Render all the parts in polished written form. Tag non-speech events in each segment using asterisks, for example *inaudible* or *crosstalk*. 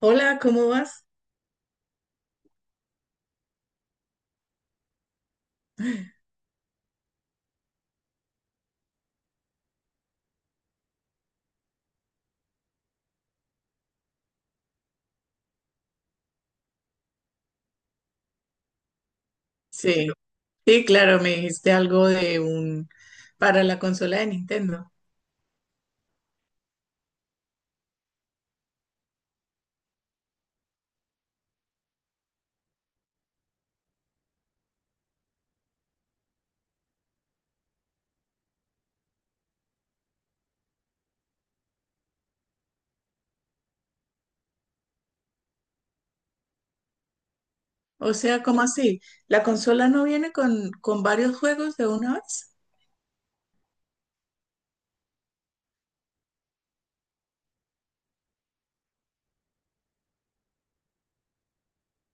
Hola, ¿cómo vas? Sí, sí, claro, me dijiste algo de un para la consola de Nintendo. O sea, ¿cómo así? ¿La consola no viene con varios juegos de una vez?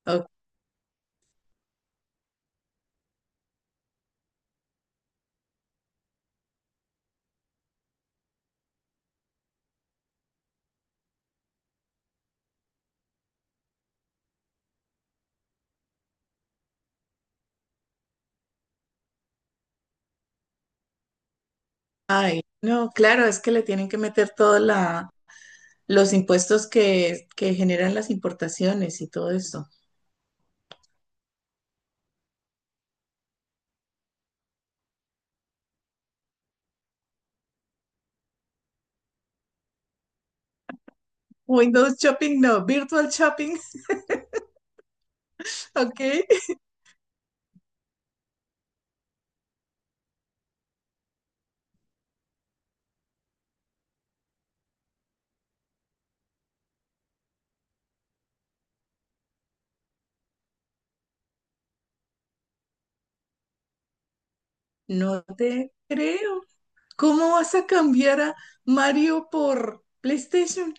Ok. Ay, no, claro, es que le tienen que meter todos la, los impuestos que generan las importaciones y todo eso. Windows Shopping, no, Virtual Shopping. *laughs* Ok. No te creo. ¿Cómo vas a cambiar a Mario por PlayStation?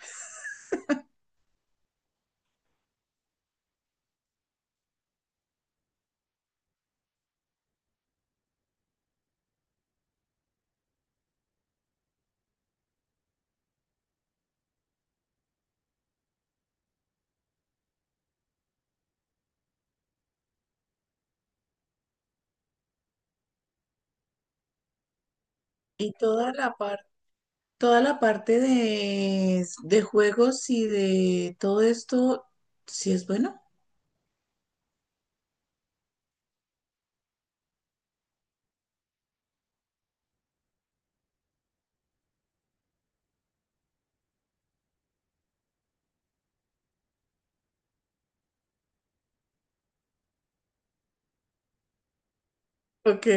Y toda la parte. Toda la parte de juegos y de todo esto, sí es bueno. Ok.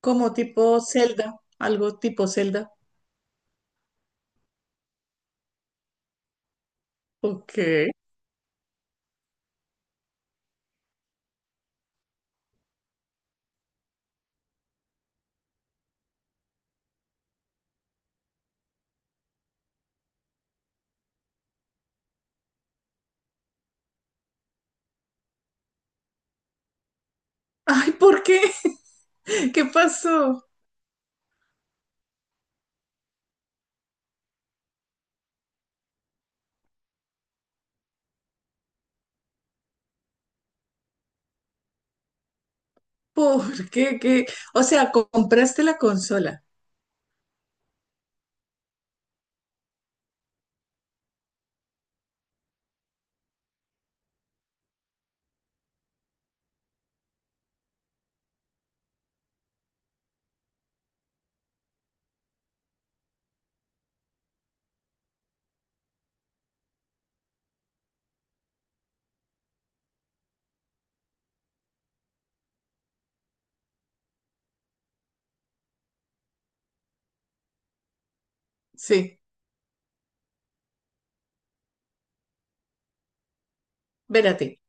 Como tipo Zelda, algo tipo Zelda. Ok. Ay, ¿por qué? *laughs* ¿Qué pasó? ¿Por qué? ¿Qué? O sea, compraste la consola. Sí, vérate.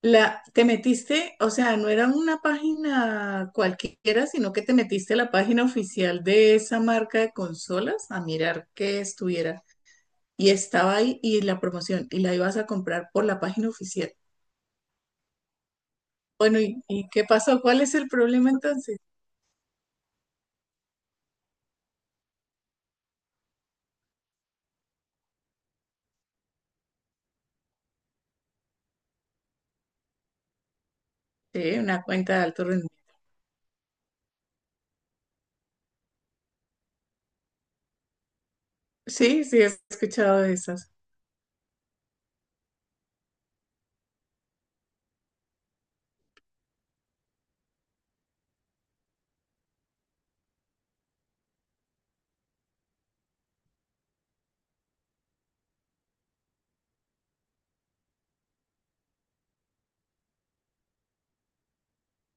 La, te metiste, o sea, no era una página cualquiera, sino que te metiste a la página oficial de esa marca de consolas a mirar qué estuviera. Y estaba ahí y la promoción y la ibas a comprar por la página oficial. Bueno, y qué pasó? ¿Cuál es el problema entonces? Sí, una cuenta de alto rendimiento. Sí, sí, he escuchado de esas.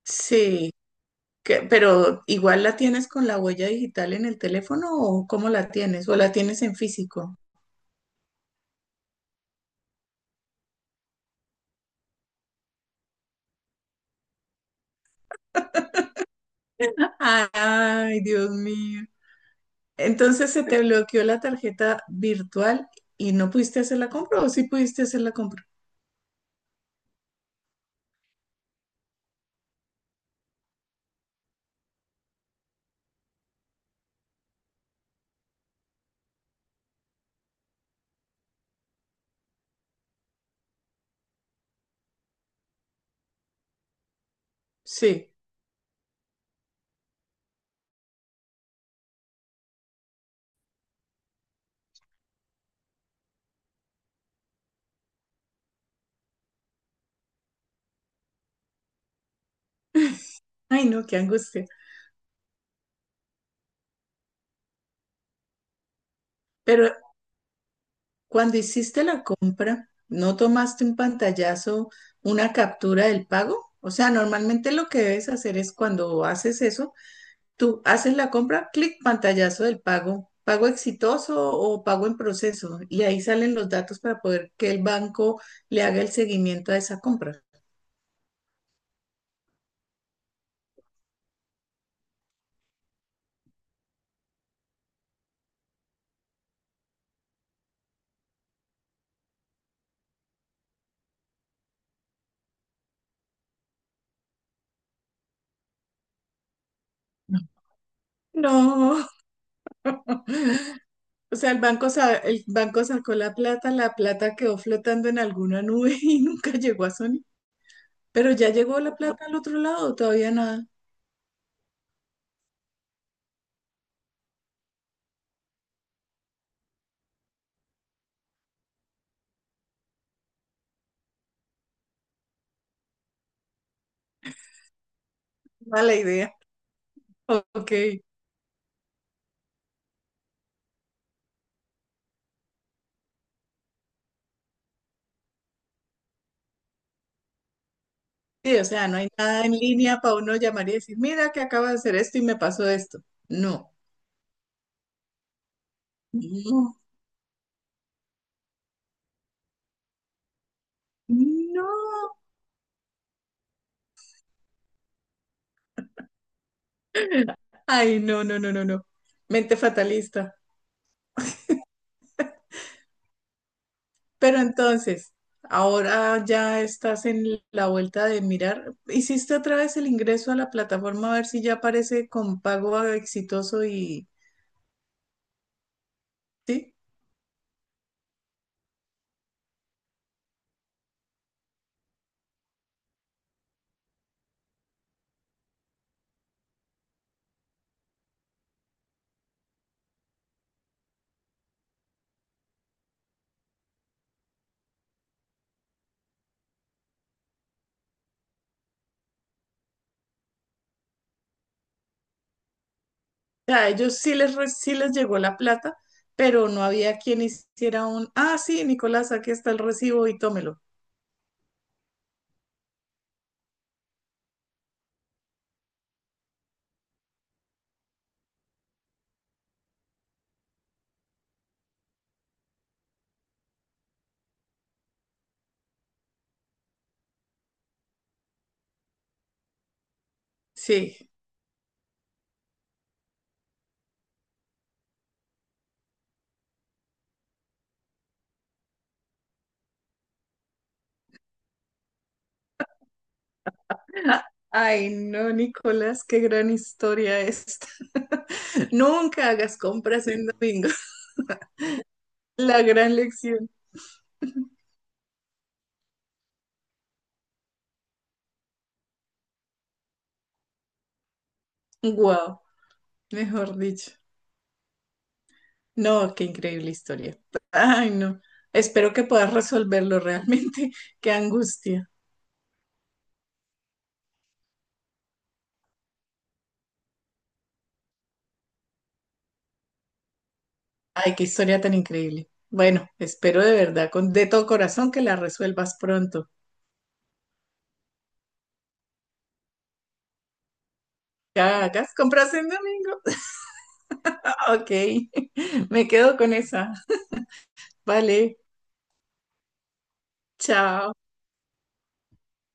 Sí, pero igual la tienes con la huella digital en el teléfono o cómo la tienes o la tienes en físico. Ay, Dios mío. Entonces, se te bloqueó la tarjeta virtual y no pudiste hacer la compra o sí pudiste hacer la compra. Sí. Ay, no, qué angustia. Pero cuando hiciste la compra, ¿no tomaste un pantallazo, una captura del pago? O sea, normalmente lo que debes hacer es cuando haces eso, tú haces la compra, clic, pantallazo del pago, pago exitoso o pago en proceso, y ahí salen los datos para poder que el banco le haga el seguimiento a esa compra. No, o sea, el banco, el banco sacó la plata quedó flotando en alguna nube *laughs* y nunca llegó a Sony, pero ya llegó la plata al otro lado, todavía nada. Mala idea. Ok, sí, o sea, no hay nada en línea para uno llamar y decir, mira que acabo de hacer esto y me pasó esto. No, no, no. Ay, no, no, no, no, no. Mente fatalista. Pero entonces, ahora ya estás en la vuelta de mirar. Hiciste otra vez el ingreso a la plataforma a ver si ya aparece con pago exitoso y sí. O sea, a ellos sí les, sí les llegó la plata, pero no había quien hiciera un, ah, sí, Nicolás, aquí está el recibo y tómelo. Sí. Ah, ay, no, Nicolás, qué gran historia esta. *laughs* Nunca hagas compras en domingo. *laughs* La gran lección. Wow, mejor dicho. No, qué increíble historia. Ay, no. Espero que puedas resolverlo realmente. *laughs* Qué angustia. Ay, qué historia tan increíble. Bueno, espero de verdad, con de todo corazón, que la resuelvas pronto. Que hagas compras en domingo. *laughs* Ok, *laughs* me quedo con esa. Vale, chao.